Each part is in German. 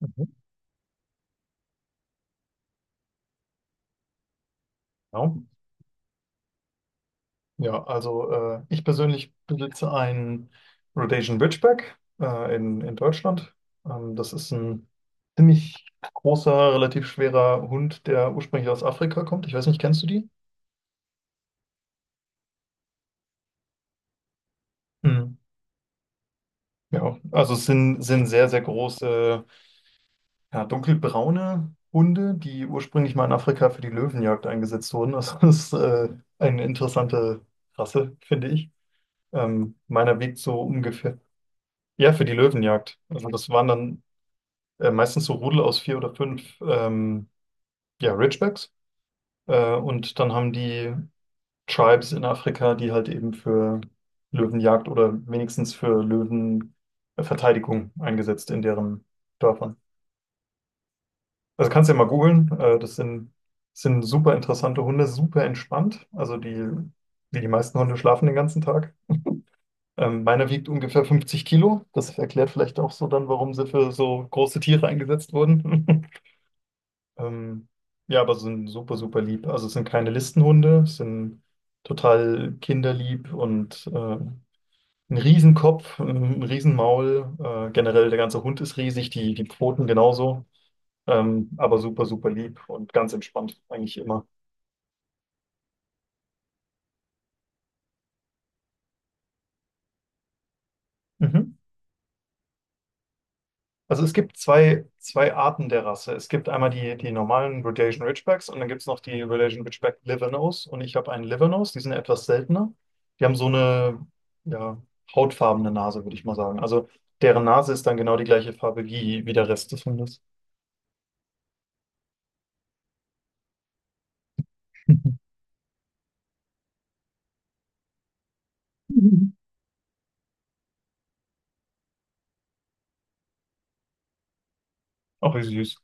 Mhm. Ja, ja, also ich persönlich besitze einen Rhodesian Ridgeback in Deutschland. Das ist ein ziemlich großer, relativ schwerer Hund, der ursprünglich aus Afrika kommt. Ich weiß nicht, kennst du die? Mhm. Ja, also es sind sehr, sehr große, ja, dunkelbraune Hunde, die ursprünglich mal in Afrika für die Löwenjagd eingesetzt wurden. Also das ist eine interessante Rasse, finde ich. Meiner wiegt so ungefähr. Ja, für die Löwenjagd. Also das waren dann meistens so Rudel aus vier oder fünf ja, Ridgebacks. Und dann haben die Tribes in Afrika, die halt eben für Löwenjagd oder wenigstens für Löwenverteidigung eingesetzt in deren Dörfern. Also kannst du ja mal googeln. Das sind super interessante Hunde, super entspannt. Also die, wie die meisten Hunde schlafen den ganzen Tag. Meiner wiegt ungefähr 50 Kilo. Das erklärt vielleicht auch so dann, warum sie für so große Tiere eingesetzt wurden. Ähm, ja, aber sind super, super lieb. Also es sind keine Listenhunde, sind total kinderlieb und ein Riesenkopf, ein Riesenmaul. Generell der ganze Hund ist riesig, die Pfoten genauso. Aber super, super lieb und ganz entspannt, eigentlich immer. Mhm. Also es gibt zwei Arten der Rasse. Es gibt einmal die normalen Rhodesian Ridgebacks und dann gibt es noch die Rhodesian Ridgeback Livernose. Und ich habe einen Livernose, die sind ja etwas seltener. Die haben so eine ja, hautfarbene Nase, würde ich mal sagen. Also deren Nase ist dann genau die gleiche Farbe wie der Rest des Hundes. Auch wie süß.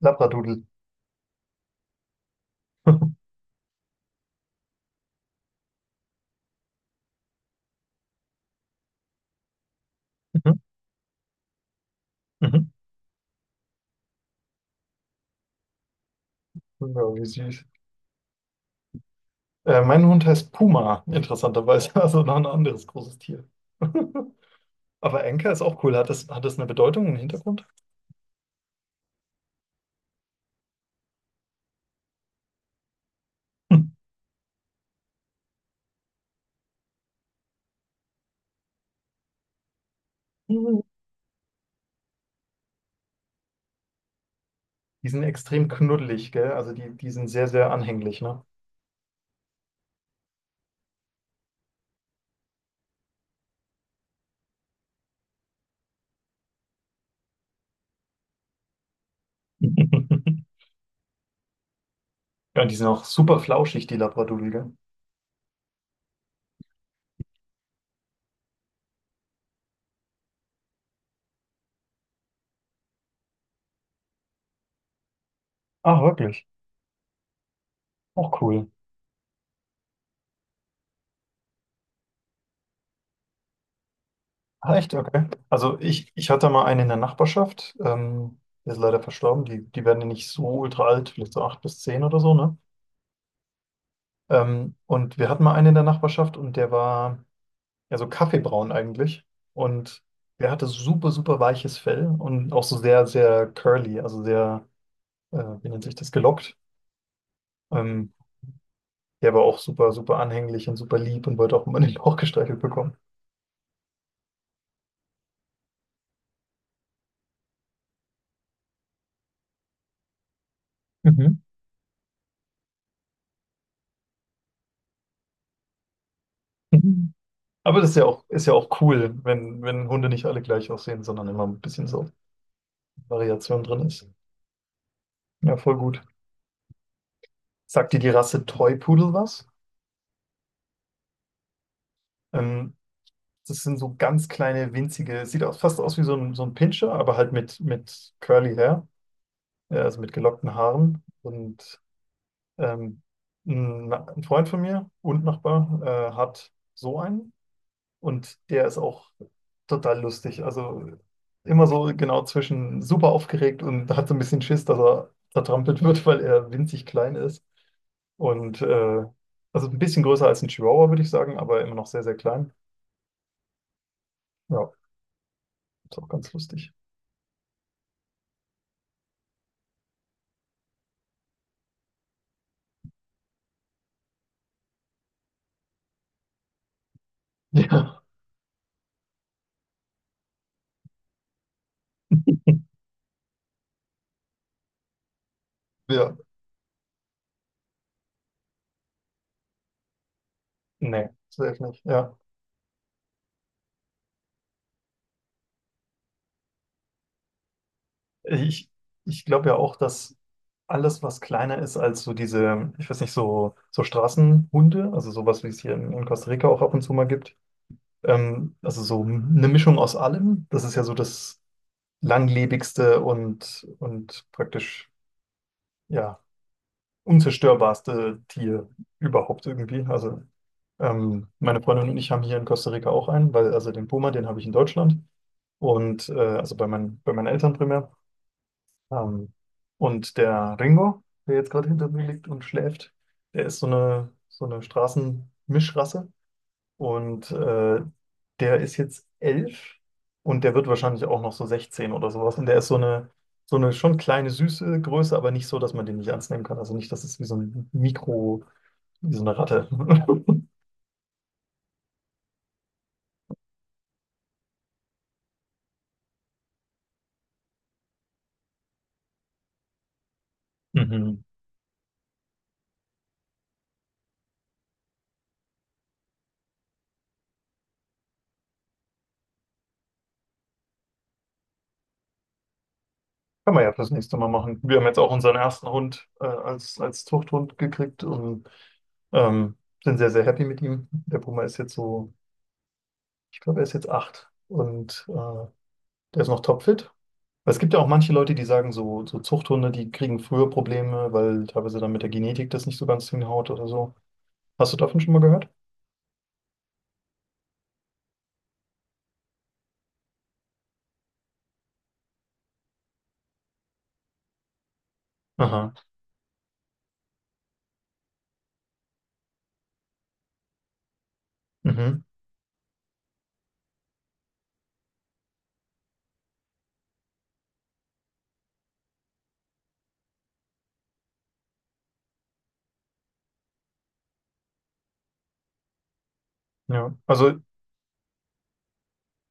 Labradoodle. Mhm. Mhm. Ja, wie süß. Mein Hund heißt Puma, interessanterweise. Also noch ein anderes großes Tier. Aber Enka ist auch cool. Hat das eine Bedeutung, einen Hintergrund? Die sind extrem knuddelig, gell? Also die sind sehr, sehr anhänglich, ne? Ja, und die sind auch super flauschig, die Labradudel, gell? Ach, wirklich? Auch cool. Ah, echt? Okay. Also ich hatte mal eine in der Nachbarschaft, die ist leider verstorben, die werden ja nicht so ultra alt, vielleicht so 8 bis 10 oder so, ne? Und wir hatten mal einen in der Nachbarschaft und der war ja so kaffeebraun eigentlich und der hatte super, super weiches Fell und auch so sehr, sehr curly, also sehr, wie nennt sich das, gelockt. Ähm, Der war auch super, super anhänglich und super lieb und wollte auch immer den Bauch gestreichelt bekommen. Mhm. Mhm. Aber das ist ja auch cool, wenn Hunde nicht alle gleich aussehen, sondern immer ein bisschen so Variation drin ist. Ja, voll gut. Sagt dir die Rasse Toy Pudel was? Ähm, das sind so ganz kleine, winzige, sieht aus, fast aus wie so ein Pinscher, aber halt mit Curly Hair, also mit gelockten Haaren. Und ähm, ein, ein Freund von mir und Nachbar hat so einen. Und der ist auch total lustig. Also immer so genau zwischen super aufgeregt und hat so ein bisschen Schiss, dass er zertrampelt wird, weil er winzig klein ist. Und also ein bisschen größer als ein Chihuahua, würde ich sagen, aber immer noch sehr, sehr klein. Ja, ist auch ganz lustig. Ja, ja. Nee, safe nicht. Ja. Ich, ich glaube ja auch, dass alles, was kleiner ist als so diese, ich weiß nicht, so Straßenhunde, also sowas, wie es hier in Costa Rica auch ab und zu mal gibt. Also so eine Mischung aus allem. Das ist ja so das langlebigste und praktisch ja unzerstörbarste Tier überhaupt irgendwie. Also meine Freundin und ich haben hier in Costa Rica auch einen, weil also den Puma, den habe ich in Deutschland und also bei meinen Eltern primär. Ähm, und der Ringo, der jetzt gerade hinter mir liegt und schläft, der ist so eine Straßenmischrasse. Und der ist jetzt 11 und der wird wahrscheinlich auch noch so 16 oder sowas. Und der ist so eine schon kleine, süße Größe, aber nicht so, dass man den nicht ernst nehmen kann. Also nicht, dass es wie so ein Mikro, wie so eine Ratte. Mhm. Kann man ja fürs nächste Mal machen. Wir haben jetzt auch unseren ersten Hund als Zuchthund gekriegt und ähm, sind sehr, sehr happy mit ihm. Der Puma ist jetzt so, ich glaube, er ist jetzt 8 und der ist noch topfit. Es gibt ja auch manche Leute, die sagen, so Zuchthunde, die kriegen früher Probleme, weil teilweise dann mit der Genetik das nicht so ganz hinhaut oder so. Hast du davon schon mal gehört? Aha. Mhm. Ja. Also,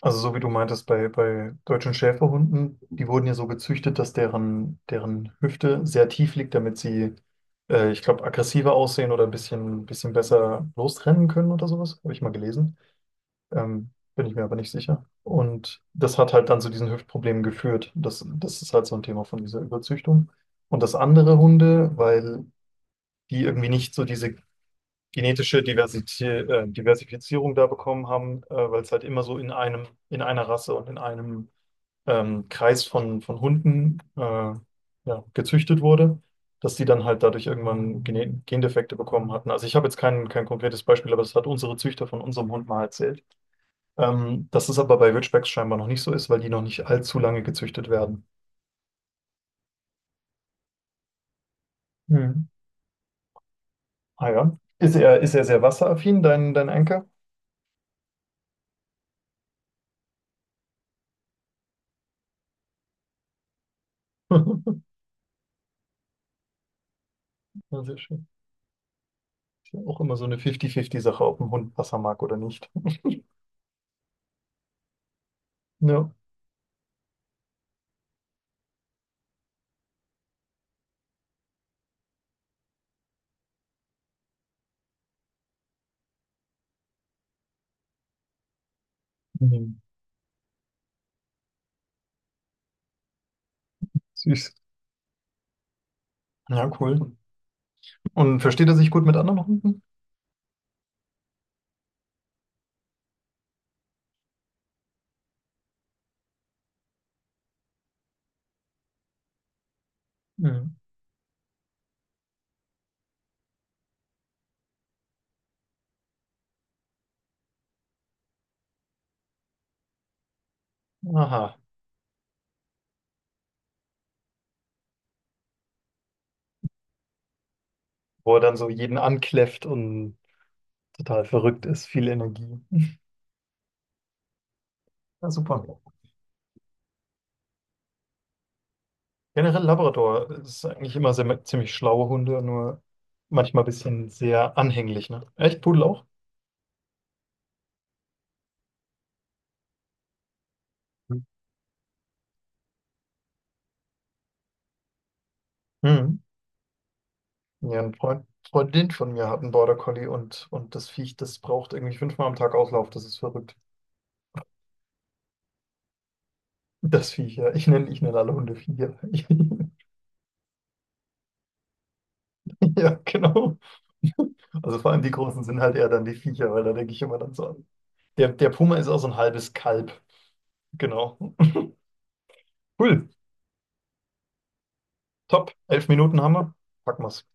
also so wie du meintest, bei deutschen Schäferhunden, die wurden ja so gezüchtet, dass deren Hüfte sehr tief liegt, damit sie ich glaube aggressiver aussehen oder ein bisschen besser losrennen können oder sowas. Habe ich mal gelesen. Bin ich mir aber nicht sicher. Und das hat halt dann zu diesen Hüftproblemen geführt. Das ist halt so ein Thema von dieser Überzüchtung. Und das andere Hunde, weil die irgendwie nicht so diese genetische Diversität, Diversifizierung da bekommen haben, weil es halt immer so in einem, in einer Rasse und in einem Kreis von Hunden, ja, gezüchtet wurde, dass die dann halt dadurch irgendwann Gene Gendefekte bekommen hatten. Also ich habe jetzt kein konkretes Beispiel, aber das hat unsere Züchter von unserem Hund mal erzählt, dass es aber bei Ridgebacks scheinbar noch nicht so ist, weil die noch nicht allzu lange gezüchtet werden. Mhm. Ah ja. Ist er sehr wasseraffin, dein Anker? Ja, sehr schön. Ist ja auch immer so eine 50-50-Sache, ob ein Hund Wasser mag oder nicht. Ja. Mhm. Süß. Ja, cool. Und versteht er sich gut mit anderen Hunden? Mhm. Aha. Wo er dann so jeden ankläfft und total verrückt ist, viel Energie. Ja, super. Generell Labrador ist eigentlich immer sehr, ziemlich schlaue Hunde, nur manchmal ein bisschen sehr anhänglich, ne? Echt, Pudel auch? Mhm. Ja, ein Freund, Freundin von mir hat einen Border Collie und das Viech, das braucht irgendwie fünfmal am Tag Auslauf. Das ist verrückt. Das Viech, ja. Ich nenne alle Hunde Viecher. Ja, genau. Also vor allem die Großen sind halt eher dann die Viecher, weil da denke ich immer dann so an. Der Puma ist auch so ein halbes Kalb. Genau. Cool. Top. 11 Minuten haben wir. Packen wir's.